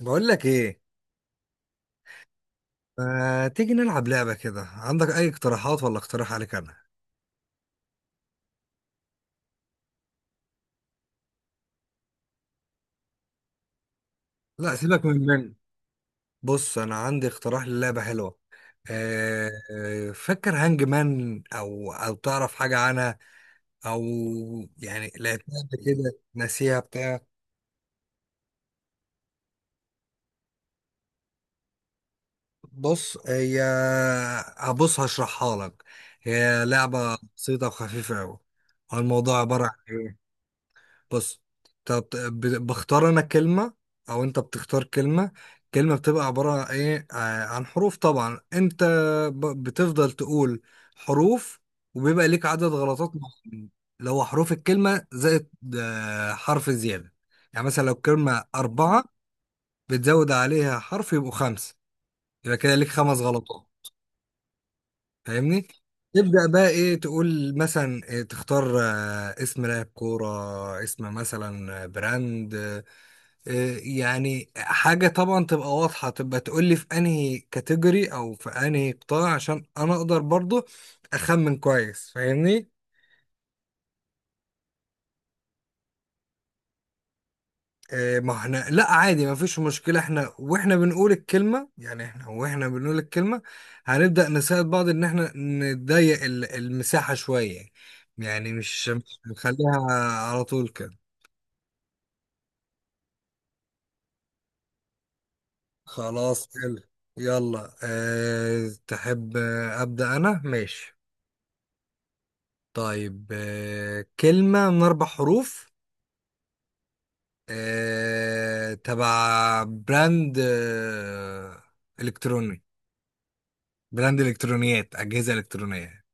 بقول لك ايه؟ ما تيجي نلعب لعبة كده؟ عندك اي اقتراحات ولا اقتراح عليك انا؟ لا سيبك من. بص انا عندي اقتراح للعبة حلوة. فكر هانج مان او تعرف حاجة عنها؟ او يعني لعبتها قبل كده ناسيها بتاع. بص هي، هبص هشرحها لك. هي لعبة بسيطة وخفيفة قوي. الموضوع عبارة عن إيه؟ بص، طب بختار انا كلمة او انت بتختار كلمة. كلمة بتبقى عبارة عن ايه؟ عن حروف طبعا. انت بتفضل تقول حروف، وبيبقى ليك عدد غلطات معينة، اللي هو حروف الكلمة زائد حرف زيادة. يعني مثلا لو كلمة أربعة بتزود عليها حرف يبقوا خمسة، يبقى كده ليك خمس غلطات. فاهمني؟ تبدأ بقى ايه، تقول مثلا إيه، تختار اسم لاعب كورة، اسم مثلا براند، يعني حاجة طبعا تبقى واضحة، تبقى تقولي في انهي كاتيجوري او في انهي قطاع، عشان انا اقدر برضو اخمن كويس. فاهمني؟ ما احنا لا عادي، ما فيش مشكلة، احنا واحنا بنقول الكلمة، يعني احنا واحنا بنقول الكلمة هنبدأ نساعد بعض ان احنا نضيق المساحة شوية. يعني مش نخليها على طول كده. خلاص حلو. يلا. أه، تحب أبدأ أنا؟ ماشي. طيب كلمة من أربع حروف، تبع براند إلكتروني، براند إلكترونيات، أجهزة إلكترونية.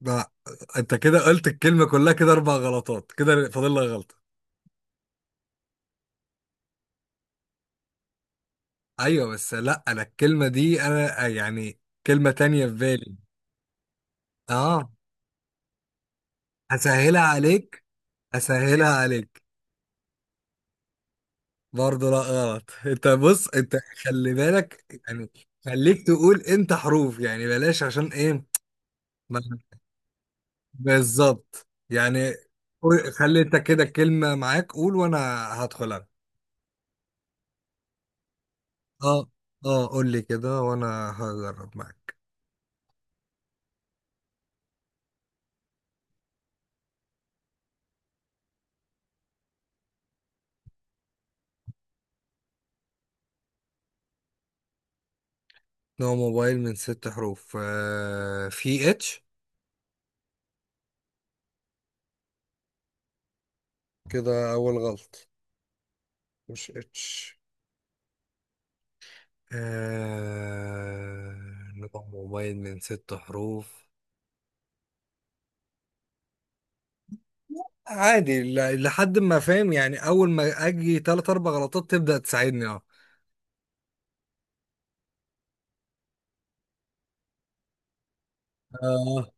لا، أنت كده قلت الكلمة كلها. كده أربع غلطات، كده فاضل لك غلطة. أيوة بس لا، أنا الكلمة دي أنا يعني كلمة تانية في بالي. أه. هسهلها عليك، هسهلها عليك. برضه لا غلط. أنت بص، أنت خلي بالك يعني، خليك تقول امتى حروف يعني بلاش، عشان ايه؟ ما- بالظبط يعني. خلي انت كده الكلمة معاك، قول وانا هدخل انا. اه، اه قول لي كده وانا هجرب معاك. نوع موبايل من ست حروف؟ آه، في اتش؟ كده اول غلط، مش اتش. آه، نوع موبايل من ست حروف. عادي، لحد ما فاهم يعني، اول ما اجي تلات اربع غلطات تبدأ تساعدني. اه، اه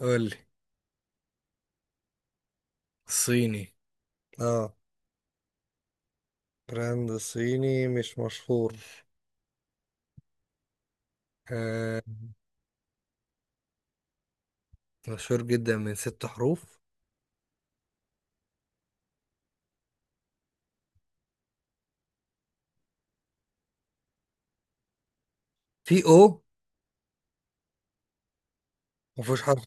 قول لي. صيني؟ اه. براند صيني مش مشهور؟ آه. مشهور جدا من ست حروف. في او؟ مفيهوش حرف؟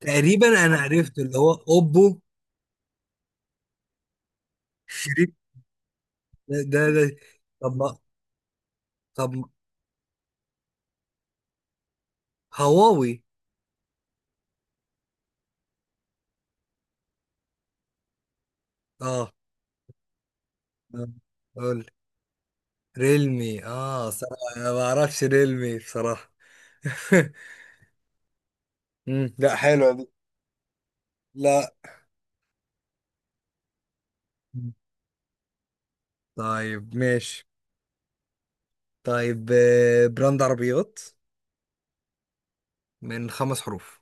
تقريبا انا عرفت، اللي هو اوبو شريك. ده، ده، ده. طب ما- طب ما- هواوي؟ اه. آه. قول. ريلمي؟ اه صراحة انا ما اعرفش ريلمي بصراحة. مم، لا حلوة دي. لا. طيب ماشي. طيب براند عربيات من خمس حروف.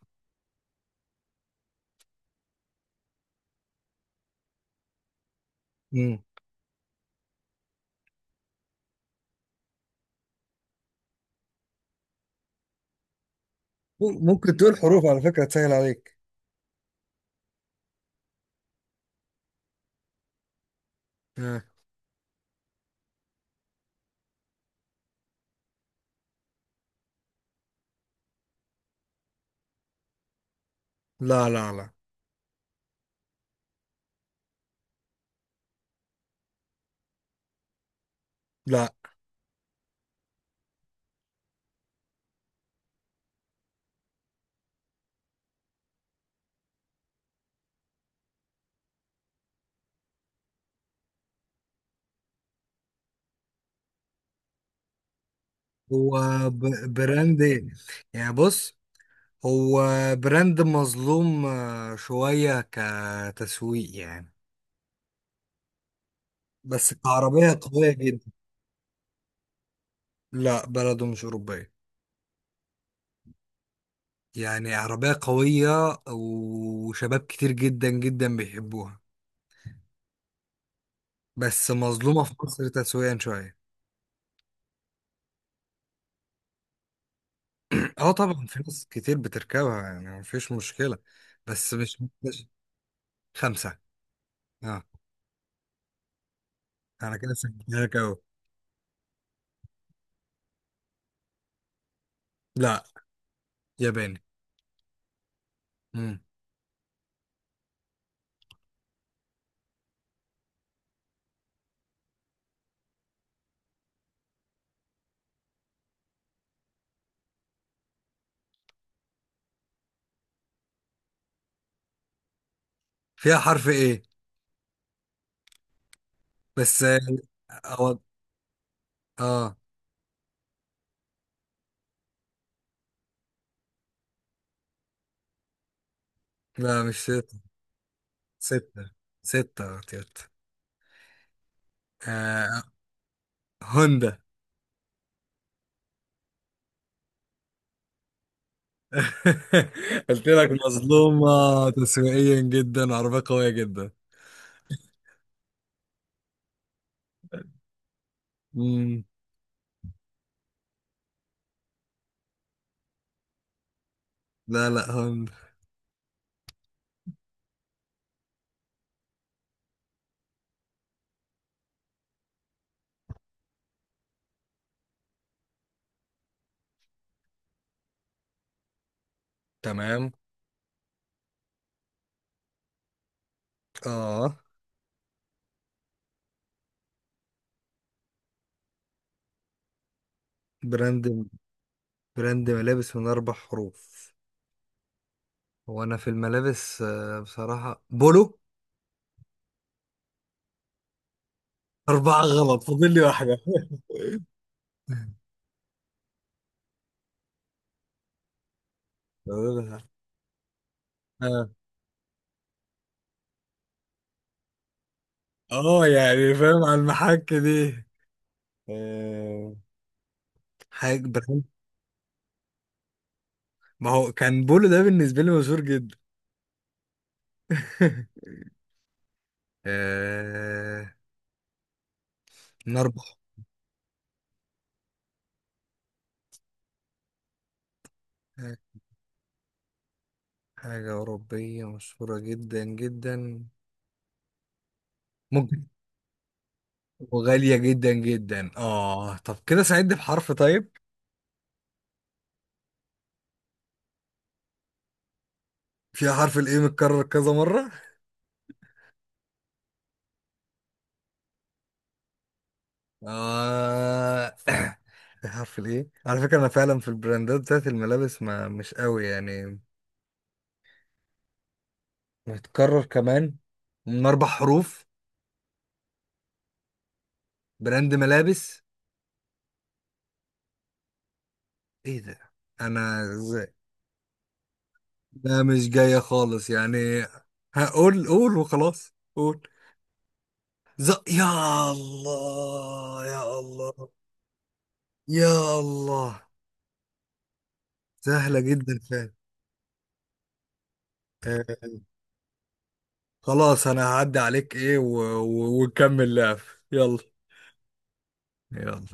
مم. ممكن تقول حروف على فكرة تسهل عليك. لا لا لا، لا. هو براند ايه يعني؟ بص، هو براند مظلوم شوية كتسويق يعني، بس كعربية قوية جدا. لا بلده مش أوروبية، يعني عربية قوية وشباب كتير جدا جدا بيحبوها، بس مظلومة في مصر تسويقيا شوية. اه طبعا في ناس كتير بتركبها، يعني مفيش مشكلة، بس خمسة. اه. انا كده سجلتها لك اهو. لا. ياباني. فيها حرف ايه بس، اه. أو... اه. لا مش ستة، ستة. ستة يا تيت. آه... هوندا. قلت لك مظلومة تسويقيا جدا، عربية قوية جدا. مم. لا لا، هوندا. تمام. اه، براند براند ملابس من اربع حروف. هو انا في الملابس بصراحة بولو. اربعة غلط، فاضل لي واحدة. فاضل لي واحدة. اه. يعني فاهم، على المحك دي. آه، حاجة براند. ما هو كان بولو ده بالنسبة لي مشهور جدا. آه، نربح. حاجة أوروبية مشهورة جدا جدا؟ ممكن. وغالية جدا جدا؟ اه، طب كده ساعدني بحرف طيب. فيها حرف الايه متكرر كذا مرة. اه. فيها حرف الايه على فكرة، انا فعلا في البراندات بتاعت الملابس ما مش قوي يعني. متكرر كمان، من اربع حروف، براند ملابس. ايه ده؟ انا لا مش جاية خالص يعني. هقول، قول وخلاص، قول. ز... يا الله، يا الله، يا الله. سهلة جدا فعلا. آه، خلاص انا هعدي عليك، ايه وكمل لعب. يلا. يلا.